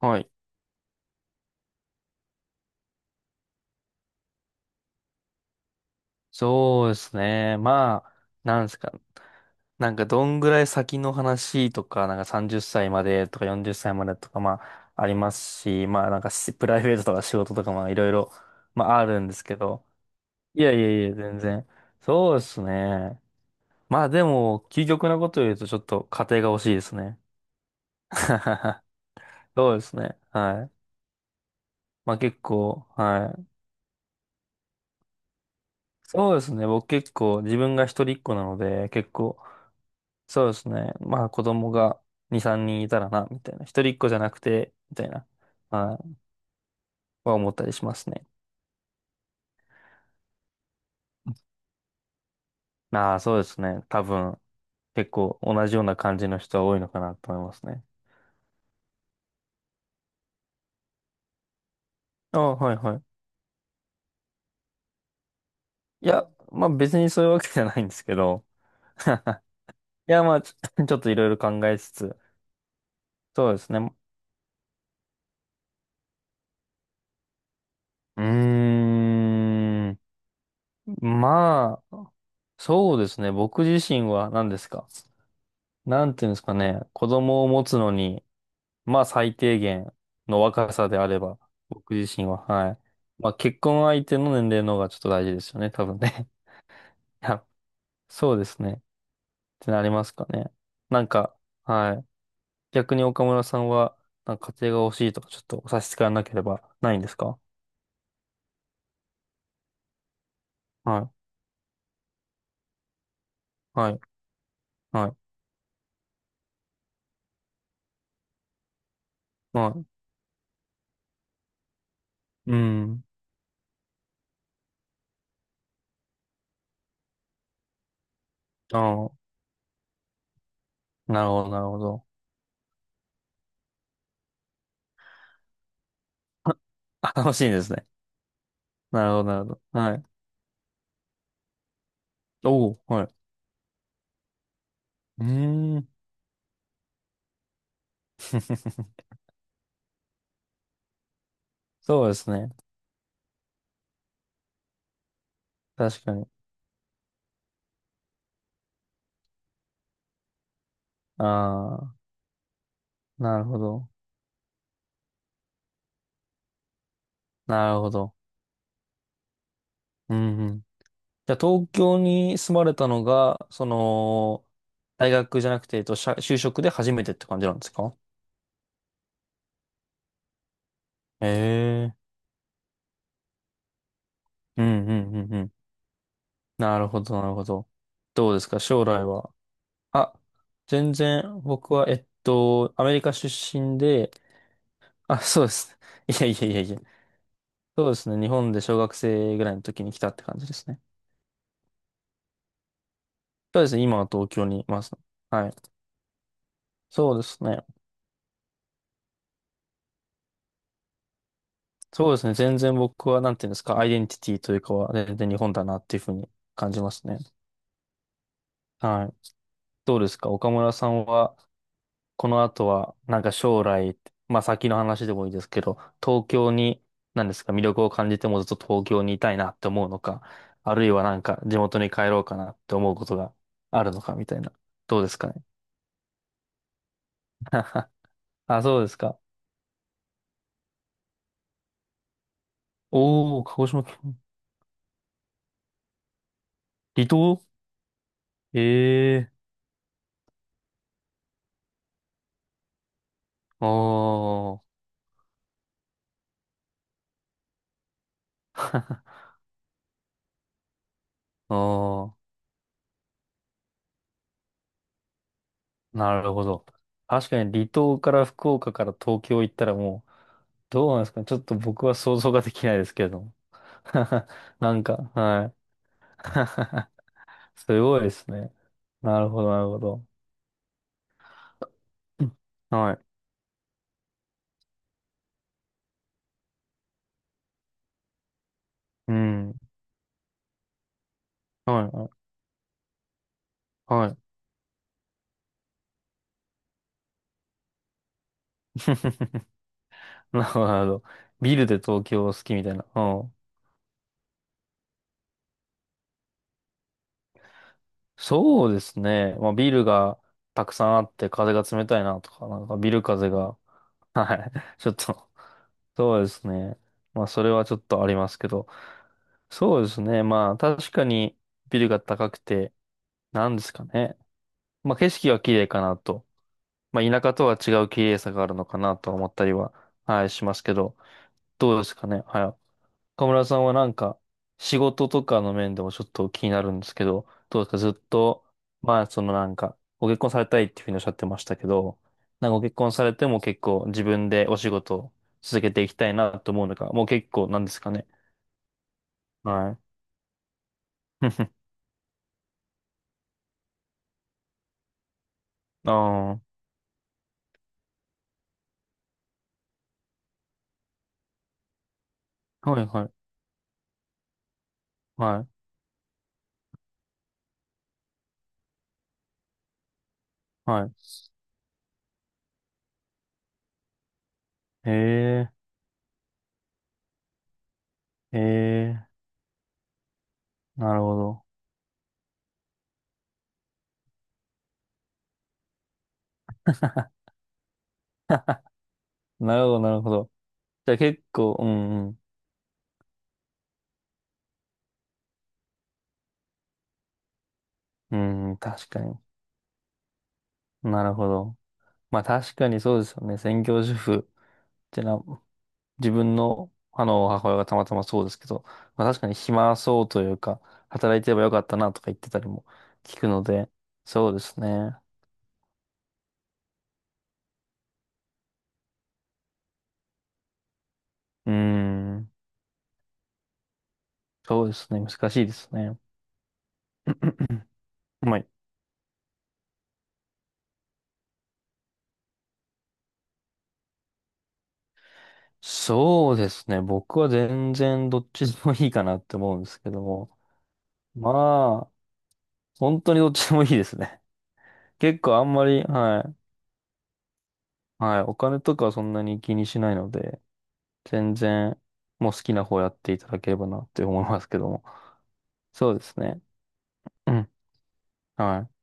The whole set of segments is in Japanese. はい。そうですね。まあ、なんですか。なんかどんぐらい先の話とか、なんか30歳までとか40歳までとか、まあ、ありますし、まあなんかしプライベートとか仕事とか、まあいろいろ、まああるんですけど。いやいやいや、全然。そうですね。まあでも、究極なことを言うとちょっと家庭が欲しいですね。そうですね。はい。まあ結構、はい。そうですね。僕結構自分が一人っ子なので、結構、そうですね。まあ子供が2、3人いたらな、みたいな。一人っ子じゃなくて、みたいな、はい、は思ったりしますね。ああ、そうですね。多分、結構同じような感じの人は多いのかなと思いますね。ああ、はいはい。いや、まあ別にそういうわけじゃないんですけど。いや、まあちょっといろいろ考えつつ、そうですね。うーん。まあ、そうですね。僕自身は何ですか。なんていうんですかね。子供を持つのに、まあ最低限の若さであれば、僕自身は、はい。まあ結婚相手の年齢の方がちょっと大事ですよね、多分ね。いやそうですね。ってなりますかね。なんか、はい。逆に岡村さんは、なんか家庭が欲しいとかちょっとお差し支えなければないんですか？はい。はい。はい。はい。うん。ああ、なるほど、なるほど。あ、あ楽しいですね。なるほど、なるほど。はい。おお、はい。うーん。そうですね。確かに。ああ。なるほど。なるほど。うんうん。じゃあ、東京に住まれたのが、その、大学じゃなくて、えっと、就職で初めてって感じなんですか？ええー。うんうんうんうん。なるほど、なるほど。どうですか、将来は。あ、全然、僕は、えっと、アメリカ出身で、あ、そうです。いやいやいやいや。そうですね。日本で小学生ぐらいの時に来たって感じですね。そうですね。今は東京にいます。はい。そうですね。そうですね。全然僕は、なんていうんですか、アイデンティティというかは、全然日本だなっていうふうに感じますね。はい。どうですか岡村さんは、この後は、なんか将来、まあ先の話でもいいですけど、東京に、なんですか、魅力を感じてもずっと東京にいたいなって思うのか、あるいはなんか地元に帰ろうかなって思うことがあるのかみたいな。どうですかね。あ、そうですか。おー、鹿児島県、離島ええー、あー、あー。なるほど。確かに離島から福岡から東京行ったらもう、どうなんですかね。ちょっと僕は想像ができないですけれども。なんか、はい。すごいですね。なるほど、なるほど。うんはい。うん。はい、はい。はい なるほど、なるほど。ビルで東京好きみたいな。うん。そうですね。まあ、ビルがたくさんあって風が冷たいなとか、なんかビル風が、はい。ちょっとそうですね。まあ、それはちょっとありますけど。そうですね。まあ、確かにビルが高くて、なんですかね。まあ、景色は綺麗かなと。まあ、田舎とは違う綺麗さがあるのかなと思ったりは、はい、しますけど。どうですかね。はい。岡村さんはなんか、仕事とかの面でもちょっと気になるんですけど、どうですかずっと、まあ、そのなんか、ご結婚されたいっていうふうにおっしゃってましたけど、なんかご結婚されても結構自分でお仕事を続けていきたいなと思うのか、もう結構なんですかね。はい。ああ、はいはい、はい、はい。へえ、へえ、なるほど。なるほど、なるほど。じゃあ結構、うんうん、うんうん、確かに。なるほど。まあ確かにそうですよね。専業主婦。てな、自分の、あの、母親がたまたまそうですけど、まあ確かに暇そうというか、働いてればよかったなとか言ってたりも聞くので、そうですね。うーん、そうですね。難しいですね。まあ、そうですね。僕は全然どっちでもいいかなって思うんですけども、まあ、本当にどっちでもいいですね。結構あんまり、はい、はい、お金とかはそんなに気にしないので、全然、もう好きな方やっていただければなって思いますけども。そうですね。うん。はい。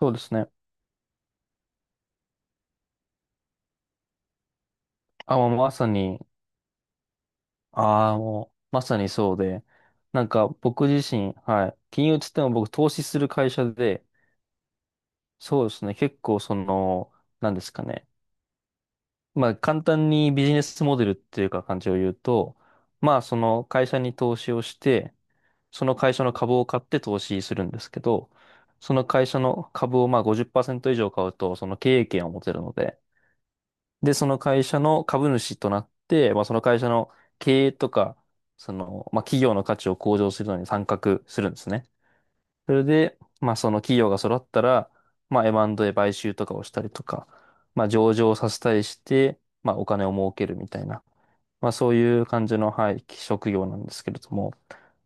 そうですね。あ、もうまさに、ああ、もう、まさにそうで、なんか僕自身、はい。金融つっても僕投資する会社で、そうですね。結構その、なんですかね。まあ簡単にビジネスモデルっていうか感じを言うと、まあその会社に投資をして、その会社の株を買って投資するんですけど、その会社の株をまあ50%以上買うと、その経営権を持てるので、で、その会社の株主となって、まあ、その会社の経営とか、その、まあ、企業の価値を向上するのに参画するんですね。それで、まあ、その企業が揃ったら、まあ、エムアンドで買収とかをしたりとか、まあ、上場させたりして、まあ、お金を儲けるみたいな。まあそういう感じの、はい、職業なんですけれども、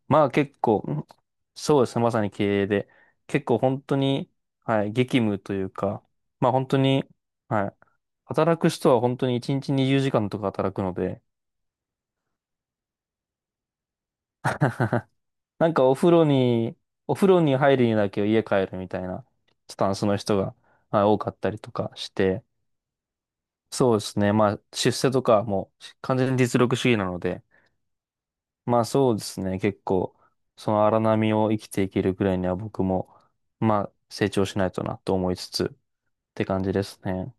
まあ結構、そうですね、まさに経営で、結構本当に、はい、激務というか、まあ本当に、はい、働く人は本当に1日20時間とか働くので、なんかお風呂に入るにだけ家帰るみたいなスタンスの人が、はい、多かったりとかして、そうですね、まあ出世とかもう完全に実力主義なので、まあそうですね。結構、その荒波を生きていけるぐらいには僕も、まあ成長しないとなと思いつつって感じですね。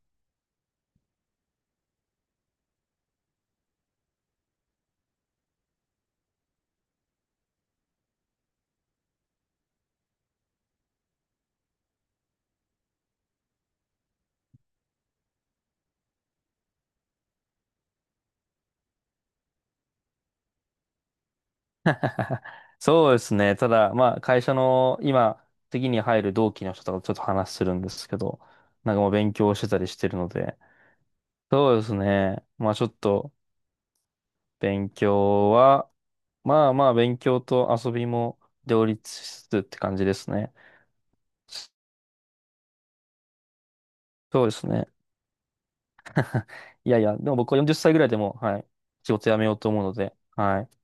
そうですね。ただ、まあ会社の今、次に入る同期の人とかちょっと話するんですけど、なんかもう勉強してたりしてるので、そうですね。まあちょっと勉強は、まあまあ勉強と遊びも両立しつつって感じですね。そうですね。いやいや、でも僕は40歳ぐらいでも、はい、仕事辞めようと思うので、はい。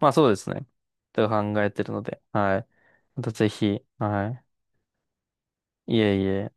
まあそうですね。と考えてるので、はい。またぜひ、はい。いえいえ。